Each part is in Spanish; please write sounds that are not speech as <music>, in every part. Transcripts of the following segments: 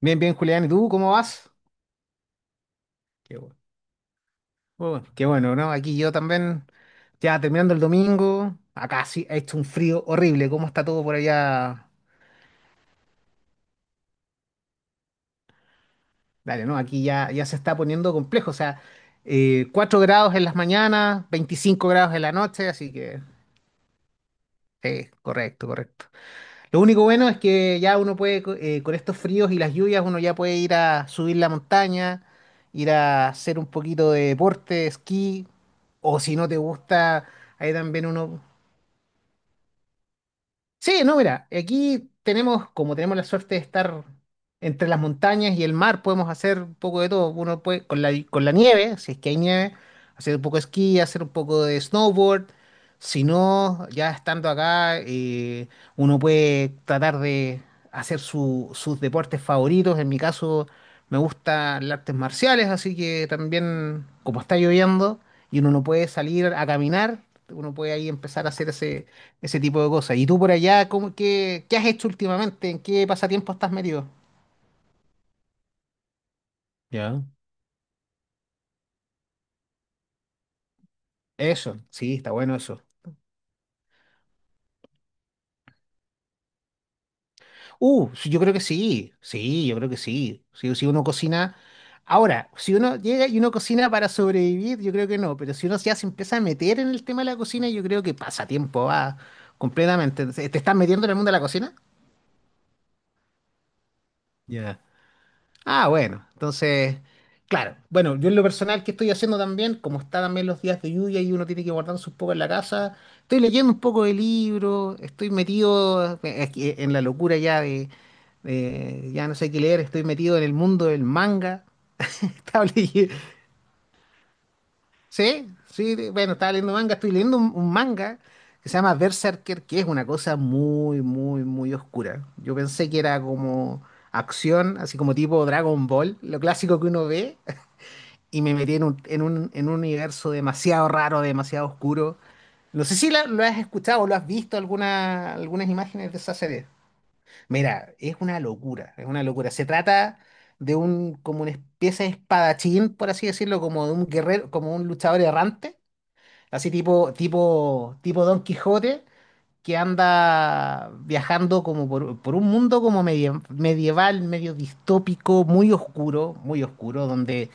Bien, bien, Julián, ¿y tú cómo vas? Qué bueno, bueno, qué bueno, ¿no? Aquí yo también, ya terminando el domingo, acá sí ha hecho un frío horrible. ¿Cómo está todo por allá? Dale, ¿no? Aquí ya, ya se está poniendo complejo, o sea, 4 grados en las mañanas, 25 grados en la noche, así que sí, correcto, correcto. Lo único bueno es que ya uno puede, con estos fríos y las lluvias, uno ya puede ir a subir la montaña, ir a hacer un poquito de deporte, esquí, o si no te gusta, ahí también uno. Sí, no, mira, aquí tenemos, como tenemos la suerte de estar entre las montañas y el mar, podemos hacer un poco de todo. Uno puede, con la nieve, si es que hay nieve, hacer un poco de esquí, hacer un poco de snowboard. Si no, ya estando acá, uno puede tratar de hacer sus deportes favoritos. En mi caso, me gustan las artes marciales, así que también, como está lloviendo y uno no puede salir a caminar, uno puede ahí empezar a hacer ese tipo de cosas. ¿Y tú por allá, cómo, qué, qué has hecho últimamente? ¿En qué pasatiempo estás metido? Ya. Eso, sí, está bueno eso. Sí, yo creo que sí, sí, yo creo que sí. Si, si uno cocina. Ahora, si uno llega y uno cocina para sobrevivir, yo creo que no, pero si uno ya se empieza a meter en el tema de la cocina, yo creo que pasa tiempo, va completamente. ¿Te estás metiendo en el mundo de la cocina? Ya. Ah, bueno, entonces, claro. Bueno, yo en lo personal que estoy haciendo también, como está también los días de lluvia y uno tiene que guardarse un poco en la casa, estoy leyendo un poco de libro, estoy metido aquí en la locura ya de, ya no sé qué leer, estoy metido en el mundo del manga. <laughs> Estaba leyendo, sí, sí, bueno, estaba leyendo manga, estoy leyendo un manga que se llama Berserker, que es una cosa muy, muy, muy oscura. Yo pensé que era como acción, así como tipo Dragon Ball, lo clásico que uno ve y me metí en un universo demasiado raro, demasiado oscuro. No sé si lo has escuchado o lo has visto alguna, algunas imágenes de esa serie. Mira, es una locura, es una locura. Se trata de un, como una especie de espadachín, por así decirlo, como de un guerrero, como un luchador errante, así tipo Don Quijote, que anda viajando como por un mundo como medio medieval, medio distópico, muy oscuro, donde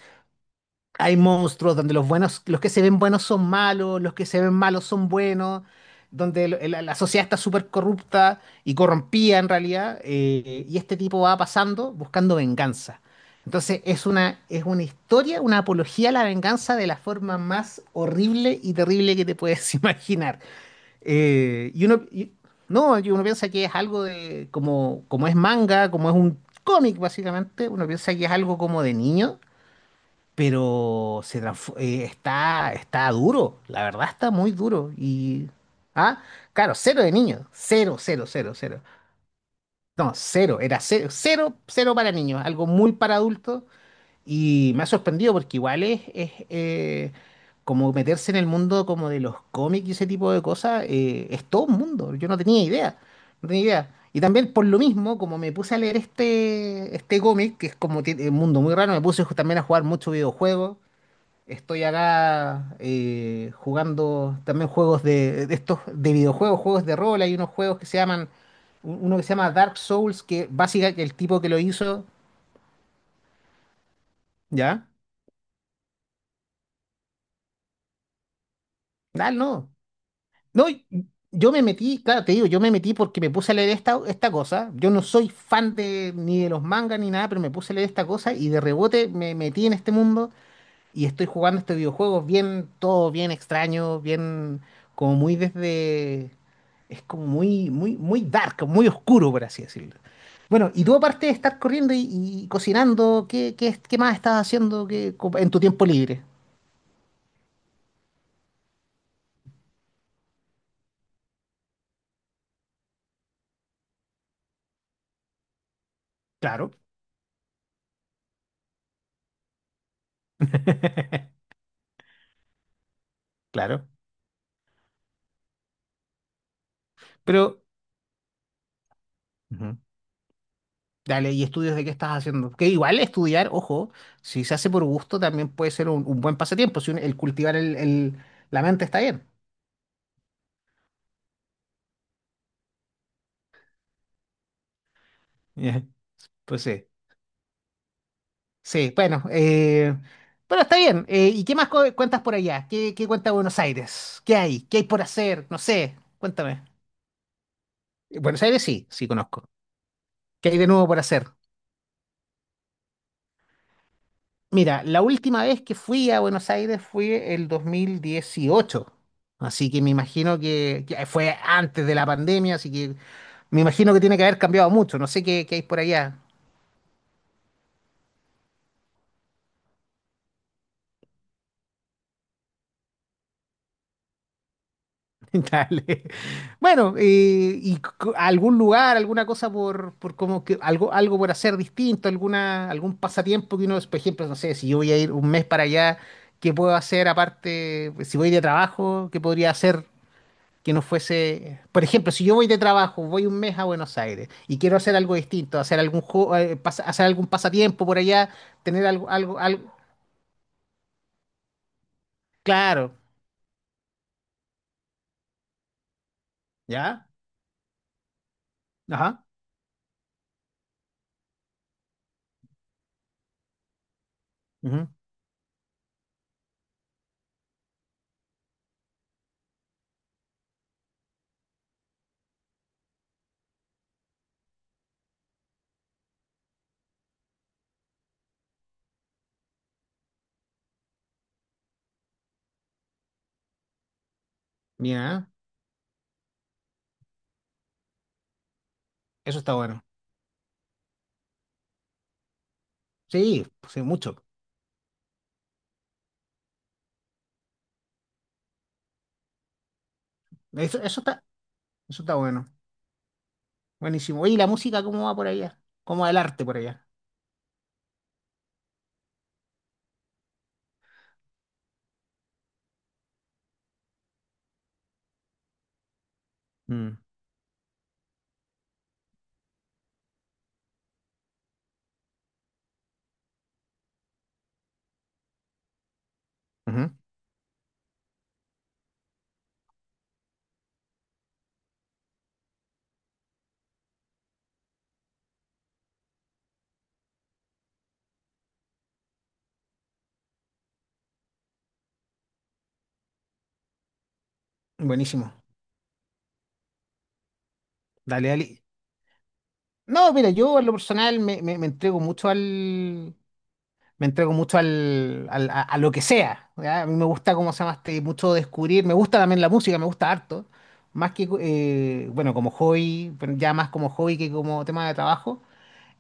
hay monstruos donde los buenos, los que se ven buenos son malos, los que se ven malos son buenos, donde la sociedad está súper corrupta y corrompida en realidad, y este tipo va pasando buscando venganza. Entonces es una historia, una apología a la venganza de la forma más horrible y terrible que te puedes <laughs> imaginar. Y uno, no, y uno piensa que es algo de, como, como es manga, como es un cómic básicamente, uno piensa que es algo como de niño, pero está, está duro, la verdad está muy duro. Y, ah, claro, cero de niños, cero, cero, cero, cero. No, cero, era cero, cero, cero para niños, algo muy para adultos. Y me ha sorprendido porque igual es, como meterse en el mundo como de los cómics y ese tipo de cosas, es todo un mundo, yo no tenía idea, no tenía idea. Y también por lo mismo, como me puse a leer este cómic, que es como un mundo muy raro, me puse también a jugar mucho videojuegos. Estoy acá jugando también juegos de estos de videojuegos, juegos de rol. Hay unos juegos que se llaman, uno que se llama Dark Souls, que básicamente el tipo que lo hizo, ¿ya? Ah, no. No, yo me metí, claro, te digo, yo me metí porque me puse a leer esta, esta cosa. Yo no soy fan de ni de los mangas ni nada, pero me puse a leer esta cosa y de rebote me metí en este mundo y estoy jugando estos videojuegos bien, todo bien extraño, bien, como muy desde. Es como muy, muy, muy dark, muy oscuro, por así decirlo. Bueno, y tú aparte de estar corriendo y cocinando, ¿qué, qué, qué más estás haciendo que, en tu tiempo libre? Claro, <laughs> claro. Pero, ujú, dale, ¿y estudios de qué estás haciendo? Que igual estudiar, ojo, si se hace por gusto también puede ser un buen pasatiempo, si el cultivar la mente está bien. <laughs> Ya, pues sí. Sí, bueno, bueno, está bien. ¿Y qué más cuentas por allá? ¿Qué, qué cuenta Buenos Aires? ¿Qué hay? ¿Qué hay por hacer? No sé, cuéntame. Buenos Aires sí, sí conozco. ¿Qué hay de nuevo por hacer? Mira, la última vez que fui a Buenos Aires fue el 2018, así que me imagino que fue antes de la pandemia, así que me imagino que tiene que haber cambiado mucho. No sé qué, qué hay por allá. <laughs> Dale. Bueno, y algún lugar, alguna cosa por como que algo, algo por hacer distinto, alguna, algún pasatiempo que uno, por ejemplo, no sé, si yo voy a ir un mes para allá, ¿qué puedo hacer aparte? Pues, si voy de trabajo, ¿qué podría hacer que no fuese? Por ejemplo, si yo voy de trabajo, voy un mes a Buenos Aires y quiero hacer algo distinto, hacer algún juego, hacer algún pasatiempo por allá, tener algo, algo, algo, claro, ¿ya? Ajá. Ujú, mira, eso está bueno. Sí, pues, sí, mucho. Eso, eso está bueno. Buenísimo. Oye, ¿y la música cómo va por allá? ¿Cómo va el arte por allá? Mm, ujú. Buenísimo. Dale, dale. No, mira, yo en lo personal me, me entrego mucho al. Me entrego mucho al, a lo que sea. ¿Ya? A mí me gusta, ¿cómo se llama? Mucho descubrir. Me gusta también la música, me gusta harto. Más que, bueno, como hobby, pero ya más como hobby que como tema de trabajo.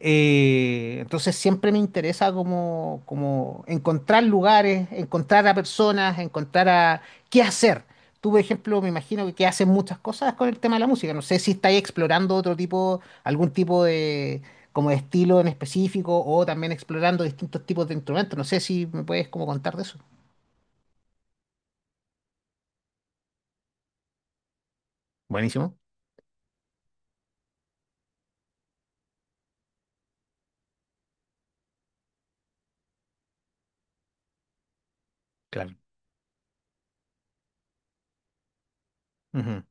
Entonces siempre me interesa como, como encontrar lugares, encontrar a personas, encontrar a qué hacer. Tú, por ejemplo, me imagino que haces muchas cosas con el tema de la música. No sé si estáis explorando otro tipo, algún tipo de, como de estilo en específico o también explorando distintos tipos de instrumentos. No sé si me puedes como contar de eso. Buenísimo. Claro. Ujú,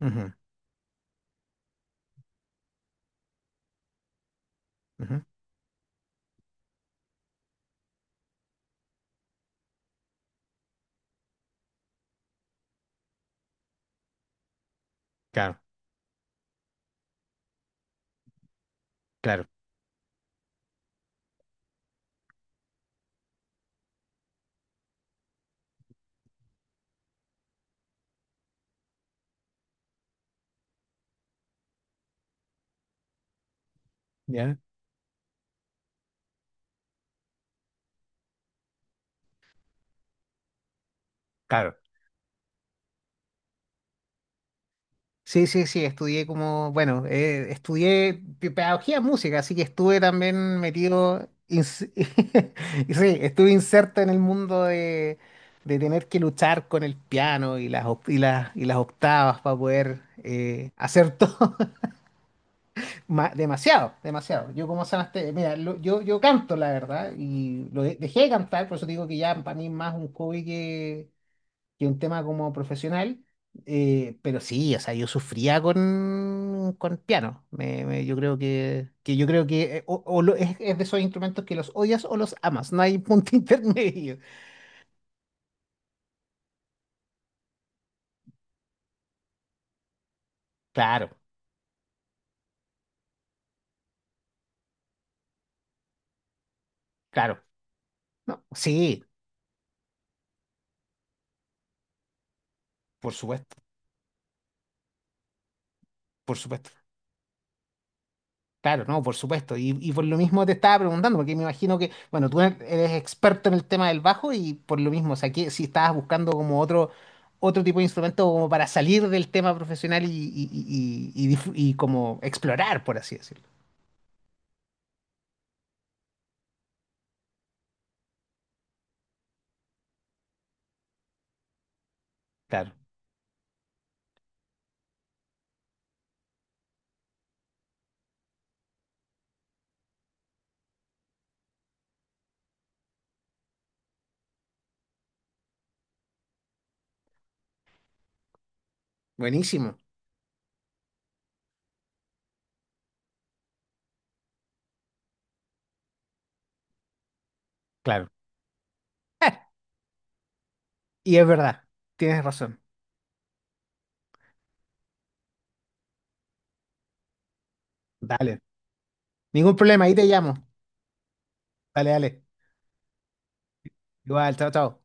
ujú, ujú. Claro, claro, ¿ya? Claro. Sí, sí, sí, estudié como, bueno, estudié pedagogía en música, así que estuve también metido, <laughs> y sí, estuve inserto en el mundo de tener que luchar con el piano y las, y las, y las octavas para poder hacer todo. <laughs> Demasiado, demasiado. Yo como sanaste, mira, yo, yo canto, la verdad, y dejé de cantar, por eso digo que ya para mí es más un hobby que un tema como profesional, pero sí, o sea, yo sufría con piano. Yo creo que yo creo que o, es de esos instrumentos que los odias o los amas, no hay punto <laughs> intermedio. Claro, claro. No, sí, por supuesto, por supuesto. Claro, no, por supuesto. Y por lo mismo te estaba preguntando, porque me imagino que, bueno, tú eres experto en el tema del bajo y por lo mismo, o sea, que si estabas buscando como otro, otro tipo de instrumento como para salir del tema profesional y, y como explorar, por así decirlo. Claro, buenísimo, claro. <laughs> Y es verdad, tienes razón. Dale, ningún problema, ahí te llamo. Dale, dale. Igual, chao, chao.